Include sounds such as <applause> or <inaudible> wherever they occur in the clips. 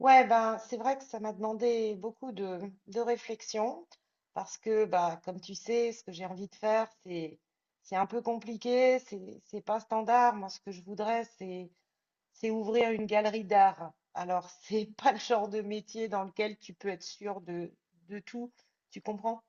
Ouais, ben, c'est vrai que ça m'a demandé beaucoup de réflexion parce que, bah, comme tu sais, ce que j'ai envie de faire, c'est un peu compliqué, c'est pas standard. Moi, ce que je voudrais, c'est ouvrir une galerie d'art. Alors, c'est <laughs> pas le genre de métier dans lequel tu peux être sûr de tout. Tu comprends?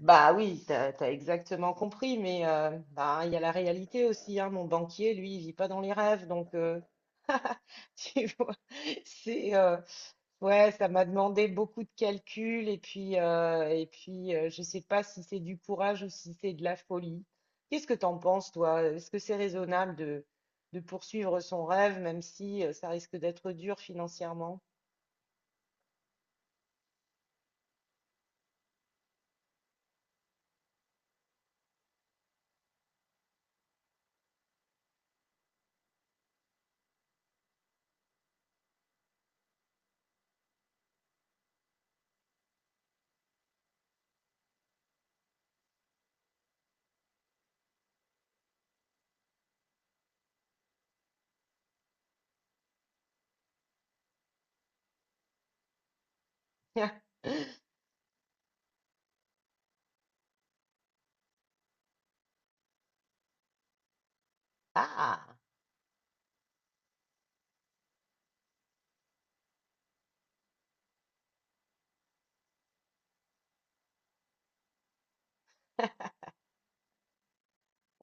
Bah oui, t'as exactement compris, mais bah, il y a la réalité aussi, hein. Mon banquier, lui, il vit pas dans les rêves, donc <laughs> tu vois, c'est Ouais, ça m'a demandé beaucoup de calculs et puis je sais pas si c'est du courage ou si c'est de la folie. Qu'est-ce que t'en penses, toi? Est-ce que c'est raisonnable de poursuivre son rêve, même si ça risque d'être dur financièrement? <laughs> Ah,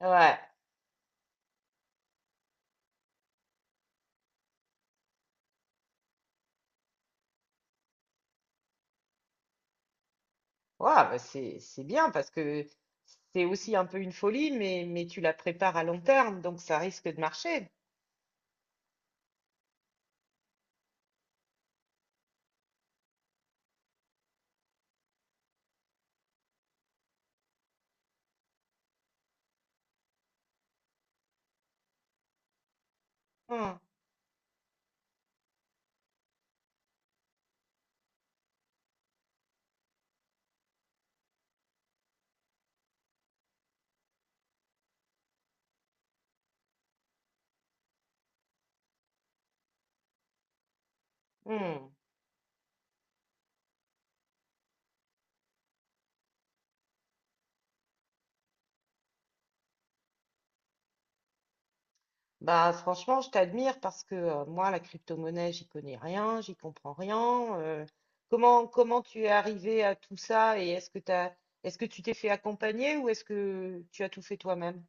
ouais, ouais, bah c'est bien parce que c'est aussi un peu une folie, mais tu la prépares à long terme, donc ça risque de marcher. Hmm, hmm. Bah, franchement, je t'admire parce que moi, la crypto-monnaie, j'y connais rien, j'y comprends rien. Comment, comment tu es arrivé à tout ça et est-ce que t'as, est-ce que tu t'es fait accompagner ou est-ce que tu as tout fait toi-même?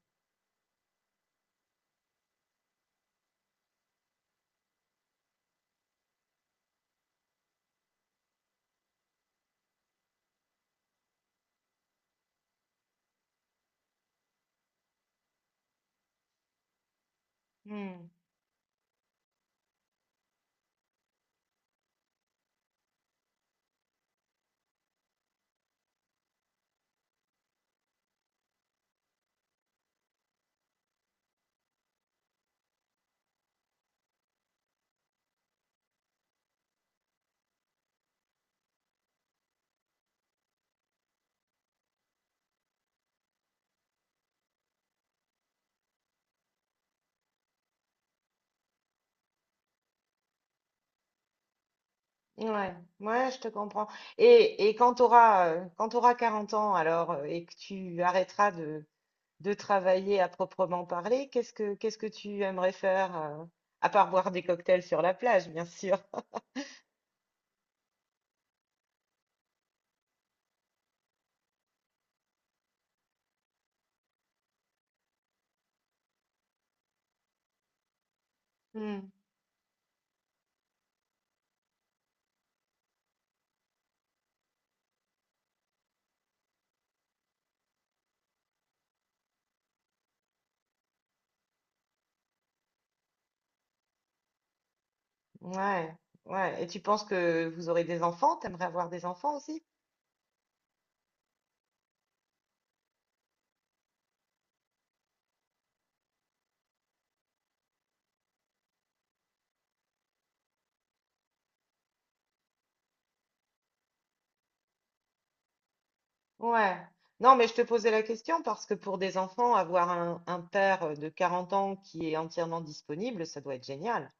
Hmm. Ouais, ouais, je te comprends. Et quand tu auras, quand tu 40 ans alors et que tu arrêteras de travailler à proprement parler, qu'est-ce que tu aimerais faire, à part boire des cocktails sur la plage, bien sûr? Ouais, ouais. Et tu penses que vous aurez des enfants? T'aimerais avoir des enfants aussi? Ouais. Non, mais je te posais la question parce que pour des enfants, avoir un père de 40 ans qui est entièrement disponible, ça doit être génial.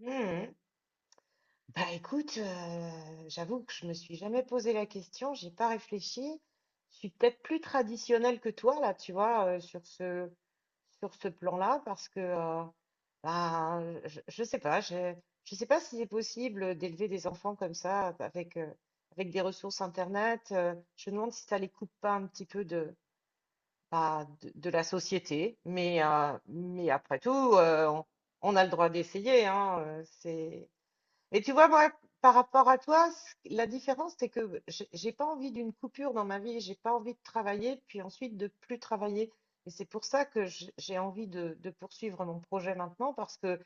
Mhm. Bah écoute, j'avoue que je me suis jamais posé la question, j'ai pas réfléchi. Je suis peut-être plus traditionnelle que toi là, tu vois, sur ce plan-là, parce que bah je sais pas si c'est possible d'élever des enfants comme ça avec avec des ressources internet. Je me demande si ça les coupe pas un petit peu de bah, de la société, mais après tout, on a le droit d'essayer, hein. C'est mais tu vois, moi, par rapport à toi, la différence, c'est que j'ai pas envie d'une coupure dans ma vie, j'ai pas envie de travailler, puis ensuite de plus travailler. Et c'est pour ça que j'ai envie de poursuivre mon projet maintenant, parce que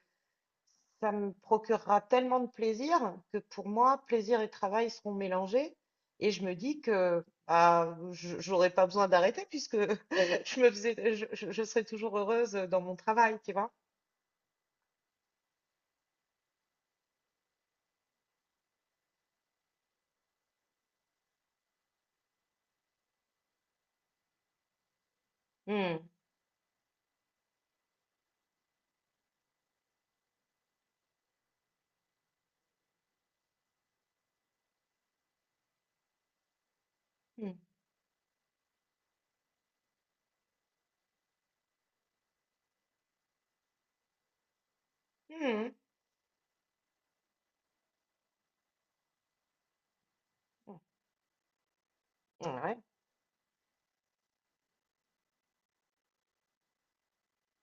ça me procurera tellement de plaisir que pour moi, plaisir et travail seront mélangés. Et je me dis que bah, j'aurais pas besoin d'arrêter puisque <laughs> je me faisais, je serais toujours heureuse dans mon travail, tu vois. Hmm. Hmm. Hmm. Ouais.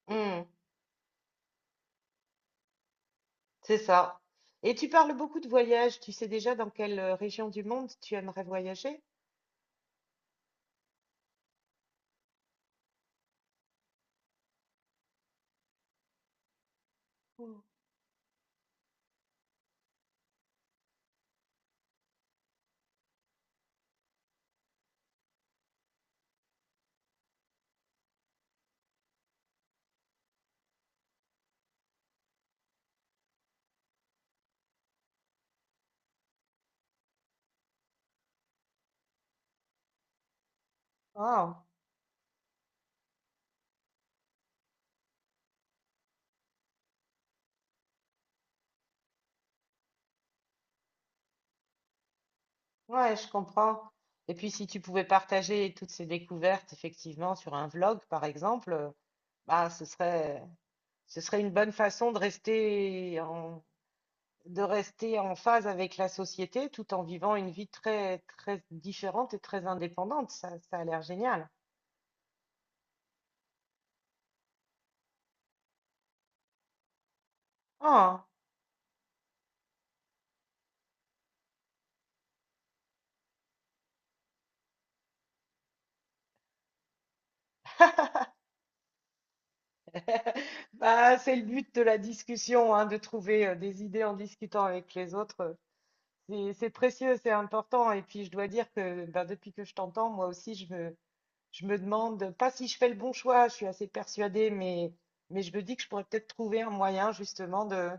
Hmm. C'est ça. Et tu parles beaucoup de voyages. Tu sais déjà dans quelle région du monde tu aimerais voyager? Ah, ouais, je comprends. Et puis, si tu pouvais partager toutes ces découvertes, effectivement, sur un vlog, par exemple, bah, ce serait une bonne façon de rester en phase avec la société tout en vivant une vie très, très différente et très indépendante. Ça a l'air génial. Ah, bah, c'est le but de la discussion, hein, de trouver des idées en discutant avec les autres. C'est précieux, c'est important. Et puis, je dois dire que ben, depuis que je t'entends, moi aussi, je me demande, pas si je fais le bon choix, je suis assez persuadée, mais je me dis que je pourrais peut-être trouver un moyen justement de,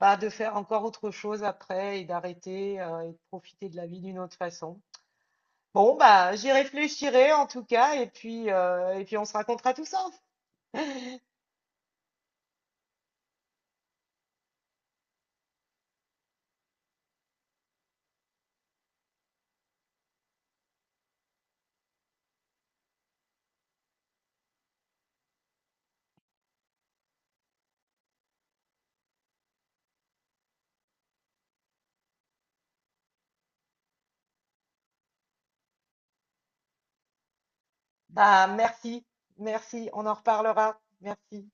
bah, de faire encore autre chose après et d'arrêter et de profiter de la vie d'une autre façon. Bon, bah, j'y réfléchirai en tout cas, et puis on se racontera tout ça. <laughs> Bah, merci, merci, on en reparlera. Merci.